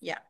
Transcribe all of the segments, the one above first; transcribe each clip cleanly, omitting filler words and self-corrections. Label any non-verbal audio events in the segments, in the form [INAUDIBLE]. Ya.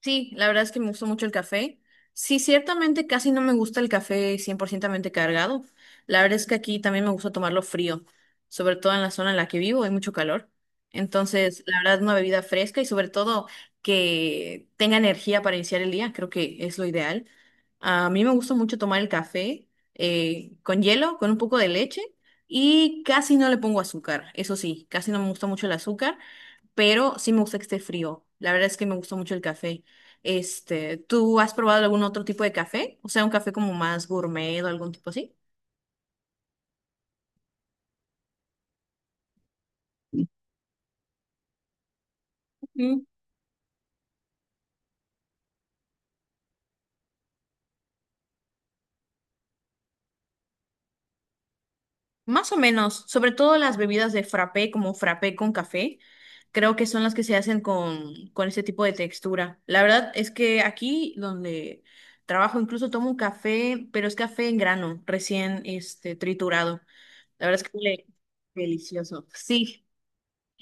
Sí, la verdad es que me gustó mucho el café. Sí, ciertamente casi no me gusta el café 100% cargado. La verdad es que aquí también me gusta tomarlo frío, sobre todo en la zona en la que vivo, hay mucho calor. Entonces, la verdad, una bebida fresca y sobre todo que tenga energía para iniciar el día, creo que es lo ideal. A mí me gusta mucho tomar el café con hielo, con un poco de leche y casi no le pongo azúcar. Eso sí, casi no me gusta mucho el azúcar. Pero sí me gusta que esté frío. La verdad es que me gusta mucho el café. Este, ¿tú has probado algún otro tipo de café? O sea, un café como más gourmet o algún tipo así. Ujú. Más o menos, sobre todo las bebidas de frappé, como frappé con café, creo que son las que se hacen con ese tipo de textura. La verdad es que aquí donde trabajo incluso tomo un café, pero es café en grano, recién este, triturado. La verdad es que huele delicioso. Sí.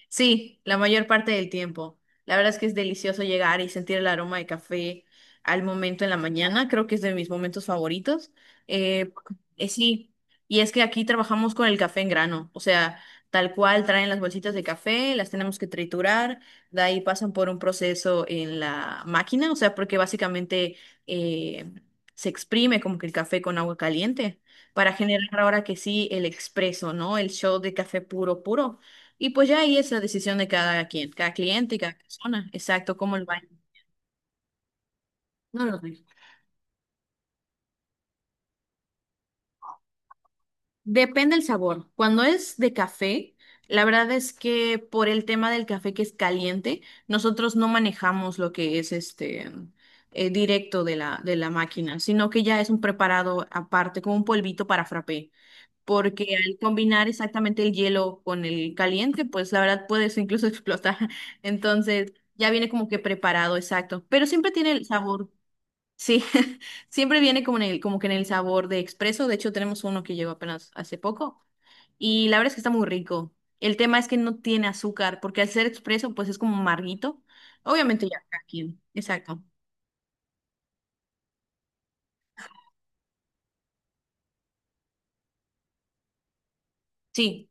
Sí, la mayor parte del tiempo. La verdad es que es delicioso llegar y sentir el aroma de café al momento en la mañana. Creo que es de mis momentos favoritos. Eh, sí, y es que aquí trabajamos con el café en grano. O sea, tal cual traen las bolsitas de café, las tenemos que triturar, de ahí pasan por un proceso en la máquina. O sea, porque básicamente eh, se exprime como que el café con agua caliente para generar ahora que sí el expreso, ¿no? El shot de café puro, puro. Y pues ya ahí es la decisión de cada quien, cada cliente y cada persona. Exacto, cómo el baño. No lo sé. Depende el sabor. Cuando es de café, la verdad es que por el tema del café que es caliente, nosotros no manejamos lo que es este directo de la máquina, sino que ya es un preparado aparte, como un polvito para frappé. Porque al combinar exactamente el hielo con el caliente, pues la verdad puedes incluso [LAUGHS] explotar. Entonces, ya viene como que preparado, exacto. Pero siempre tiene el sabor. Sí, [LAUGHS] siempre viene como en el, como que en el sabor de expreso. De hecho, tenemos uno que llegó apenas hace poco. Y la verdad es que está muy rico. El tema es que no tiene azúcar, porque al ser expreso, pues es como amarguito. Obviamente ya cada quien. Exacto. Sí,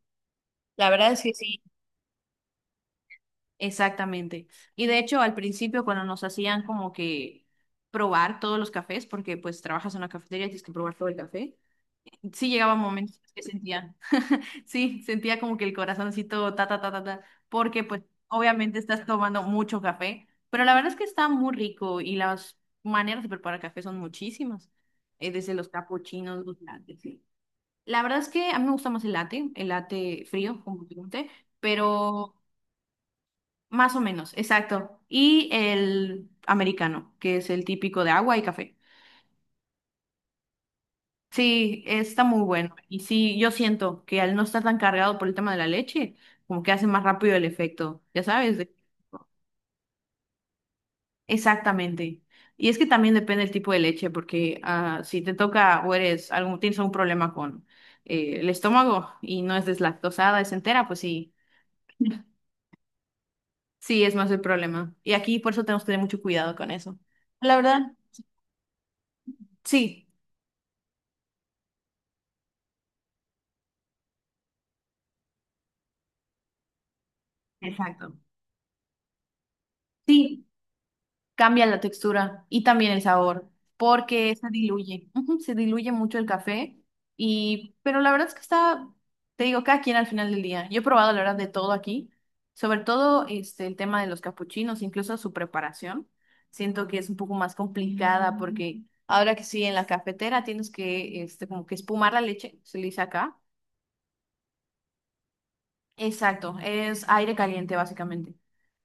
la verdad es que sí, exactamente. Y de hecho, al principio, cuando nos hacían como que probar todos los cafés, porque pues trabajas en una cafetería y tienes que probar todo el café, sí llegaba momentos que sentía. Sí, sentía como que el corazoncito ta ta ta ta ta, porque pues obviamente estás tomando mucho café, pero la verdad es que está muy rico y las maneras de preparar café son muchísimas, desde los capuchinos, los lates, sí. La verdad es que a mí me gusta más el latte frío, como te conté, pero más o menos, exacto. Y el americano, que es el típico de agua y café. Sí, está muy bueno. Y sí, yo siento que al no estar tan cargado por el tema de la leche, como que hace más rápido el efecto, ya sabes. Exactamente. Y es que también depende del tipo de leche, porque ah, si te toca o eres algún, tienes algún problema con el estómago y no es deslactosada, es entera, pues sí, sí es más el problema. Y aquí por eso tenemos que tener mucho cuidado con eso. La verdad, sí. Exacto. Sí, cambia la textura y también el sabor, porque se diluye, ujú, se diluye mucho el café y, pero la verdad es que está, te digo, cada quien al final del día. Yo he probado la verdad de todo aquí, sobre todo este el tema de los capuchinos, incluso su preparación. Siento que es un poco más complicada porque ahora que sí en la cafetera tienes que este como que espumar la leche, se le dice acá. Exacto, es aire caliente básicamente.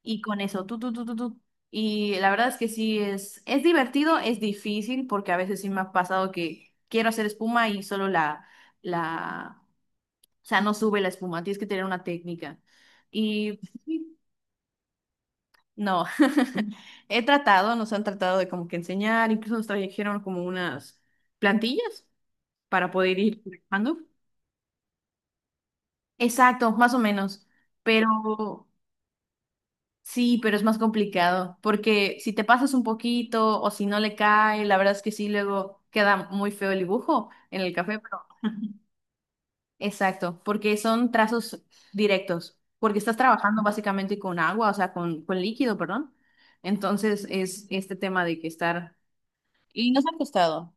Y con eso, tú, tú, tú, tú, tú. Y la verdad es que sí es divertido, es difícil, porque a veces sí me ha pasado que quiero hacer espuma y solo la, o sea, no sube la espuma, tienes que tener una técnica. Y [LAUGHS] no, [LAUGHS] he tratado, nos han tratado de como que enseñar, incluso nos trajeron como unas plantillas para poder ir manejando. Exacto, más o menos. Pero sí, pero es más complicado, porque si te pasas un poquito o si no le cae, la verdad es que sí, luego queda muy feo el dibujo en el café, pero exacto, porque son trazos directos, porque estás trabajando básicamente con agua, o sea, con líquido, perdón. Entonces es este tema de que estar... Y nos ha costado.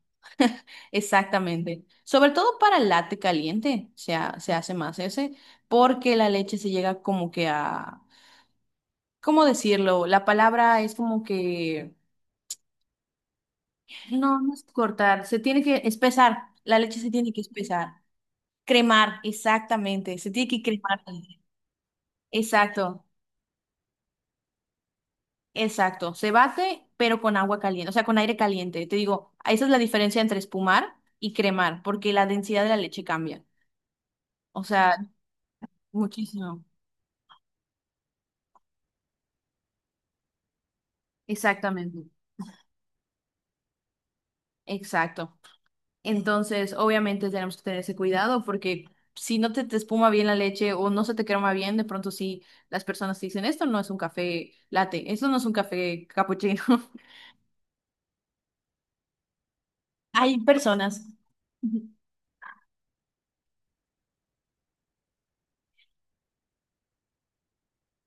Exactamente. Sobre todo para el latte caliente, se hace más ese, porque la leche se llega como que a... ¿Cómo decirlo? La palabra es como que no, no es cortar, se tiene que espesar, la leche se tiene que espesar. Cremar, exactamente, se tiene que cremar. Exacto, exacto. Se bate, pero con agua caliente, o sea, con aire caliente. Te digo, esa es la diferencia entre espumar y cremar, porque la densidad de la leche cambia. O sea, muchísimo. Exactamente, exacto. Entonces, obviamente tenemos que tener ese cuidado porque si no te espuma bien la leche o no se te crema bien, de pronto sí las personas te dicen, esto no es un café latte, esto no es un café capuchino. [LAUGHS] Hay personas.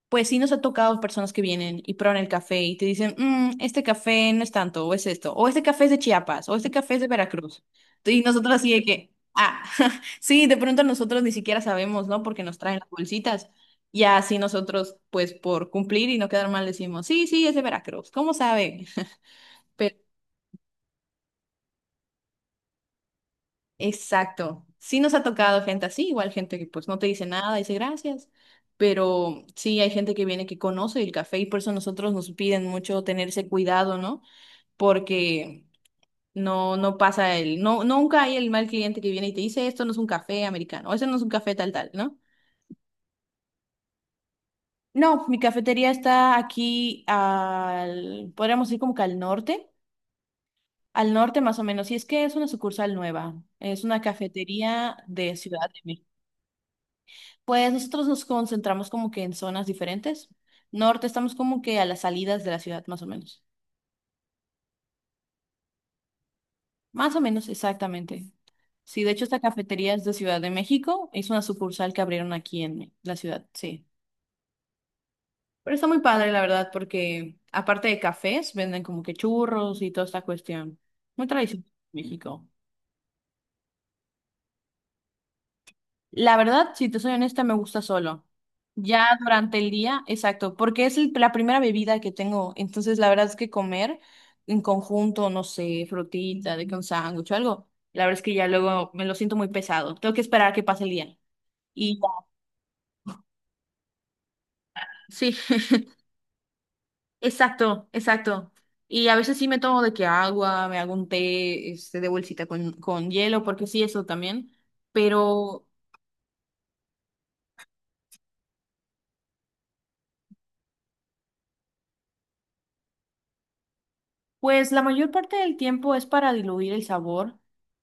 Pues sí nos ha tocado personas que vienen y prueban el café y te dicen, "Mm, este café no es tanto, o es esto, o este café es de Chiapas, o este café es de Veracruz". Y nosotros así de que, ah, [LAUGHS] sí, de pronto nosotros ni siquiera sabemos, ¿no? Porque nos traen las bolsitas. Y así nosotros, pues por cumplir y no quedar mal, decimos, sí, sí, es de Veracruz, ¿cómo sabe? [LAUGHS] Exacto. Sí nos ha tocado gente así, igual gente que pues no te dice nada, dice gracias, pero sí hay gente que viene que conoce el café y por eso nosotros nos piden mucho tenerse cuidado, ¿no? Porque no no pasa el no nunca hay el mal cliente que viene y te dice esto no es un café americano, o, eso no es un café tal tal, ¿no? No, mi cafetería está aquí al podríamos decir como que al norte más o menos, y es que es una sucursal nueva, es una cafetería de Ciudad de México. Pues nosotros nos concentramos como que en zonas diferentes. Norte estamos como que a las salidas de la ciudad, más o menos. Más o menos, exactamente. Sí, de hecho esta cafetería es de Ciudad de México. Es una sucursal que abrieron aquí en la ciudad, sí. Pero está muy padre, la verdad, porque aparte de cafés, venden como que churros y toda esta cuestión. Muy tradicional en México. La verdad, si te soy honesta, me gusta solo. Ya durante el día, exacto, porque es la primera bebida que tengo. Entonces, la verdad es que comer en conjunto, no sé, frutita, de que un sándwich o algo, la verdad es que ya luego me lo siento muy pesado. Tengo que esperar a que pase el día. Y ya. Sí, [LAUGHS] exacto, exacto. Y a veces sí me tomo de que agua, me hago un té, este, de bolsita con hielo, porque sí, eso también. Pero pues la mayor parte del tiempo es para diluir el sabor,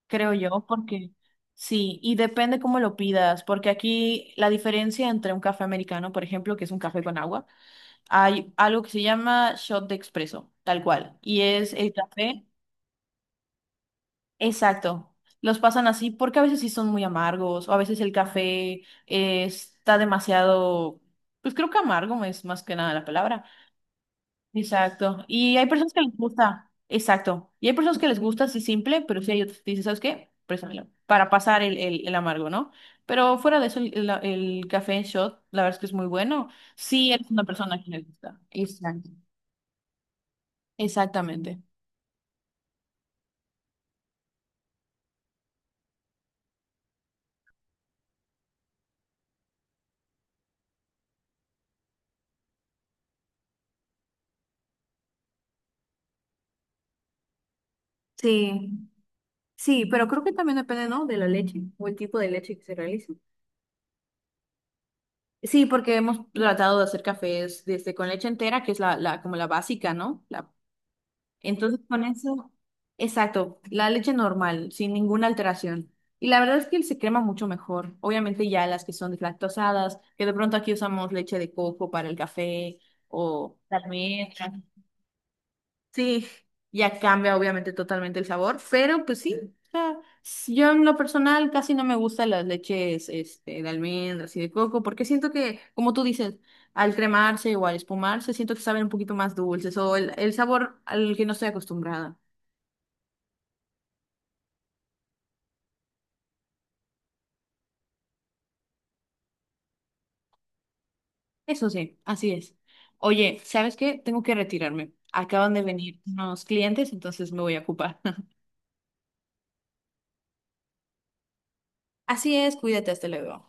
creo yo, porque sí, y depende cómo lo pidas, porque aquí la diferencia entre un café americano, por ejemplo, que es un café con agua, hay algo que se llama shot de expreso, tal cual, y es el café, exacto, los pasan así porque a veces sí son muy amargos, o a veces el café está demasiado, pues creo que amargo es más que nada la palabra. Exacto. Y hay personas que les gusta, exacto. Y hay personas que les gusta así simple, pero sí hay otras que dicen, ¿sabes qué? Préstamelo", para pasar el amargo, ¿no? Pero fuera de eso, el café en shot, la verdad es que es muy bueno. Sí, eres una persona que les gusta. Exacto. Exactamente. Sí, sí, pero creo que también depende, ¿no? De la leche o el tipo de leche que se realice. Sí, porque hemos tratado de hacer cafés desde con leche entera, que es la como la básica, ¿no? La Entonces con eso, exacto, la leche normal, sin ninguna alteración. Y la verdad es que se crema mucho mejor. Obviamente ya las que son deslactosadas, que de pronto aquí usamos leche de coco para el café o la almendra. Sí, ya cambia obviamente totalmente el sabor, pero pues sí, o sea, yo en lo personal casi no me gustan las leches este, de almendras y de coco, porque siento que, como tú dices, al cremarse o al espumarse, siento que saben un poquito más dulces o el sabor al que no estoy acostumbrada. Eso sí, así es. Oye, ¿sabes qué? Tengo que retirarme. Acaban de venir unos clientes, entonces me voy a ocupar. [LAUGHS] Así es, cuídate, hasta luego.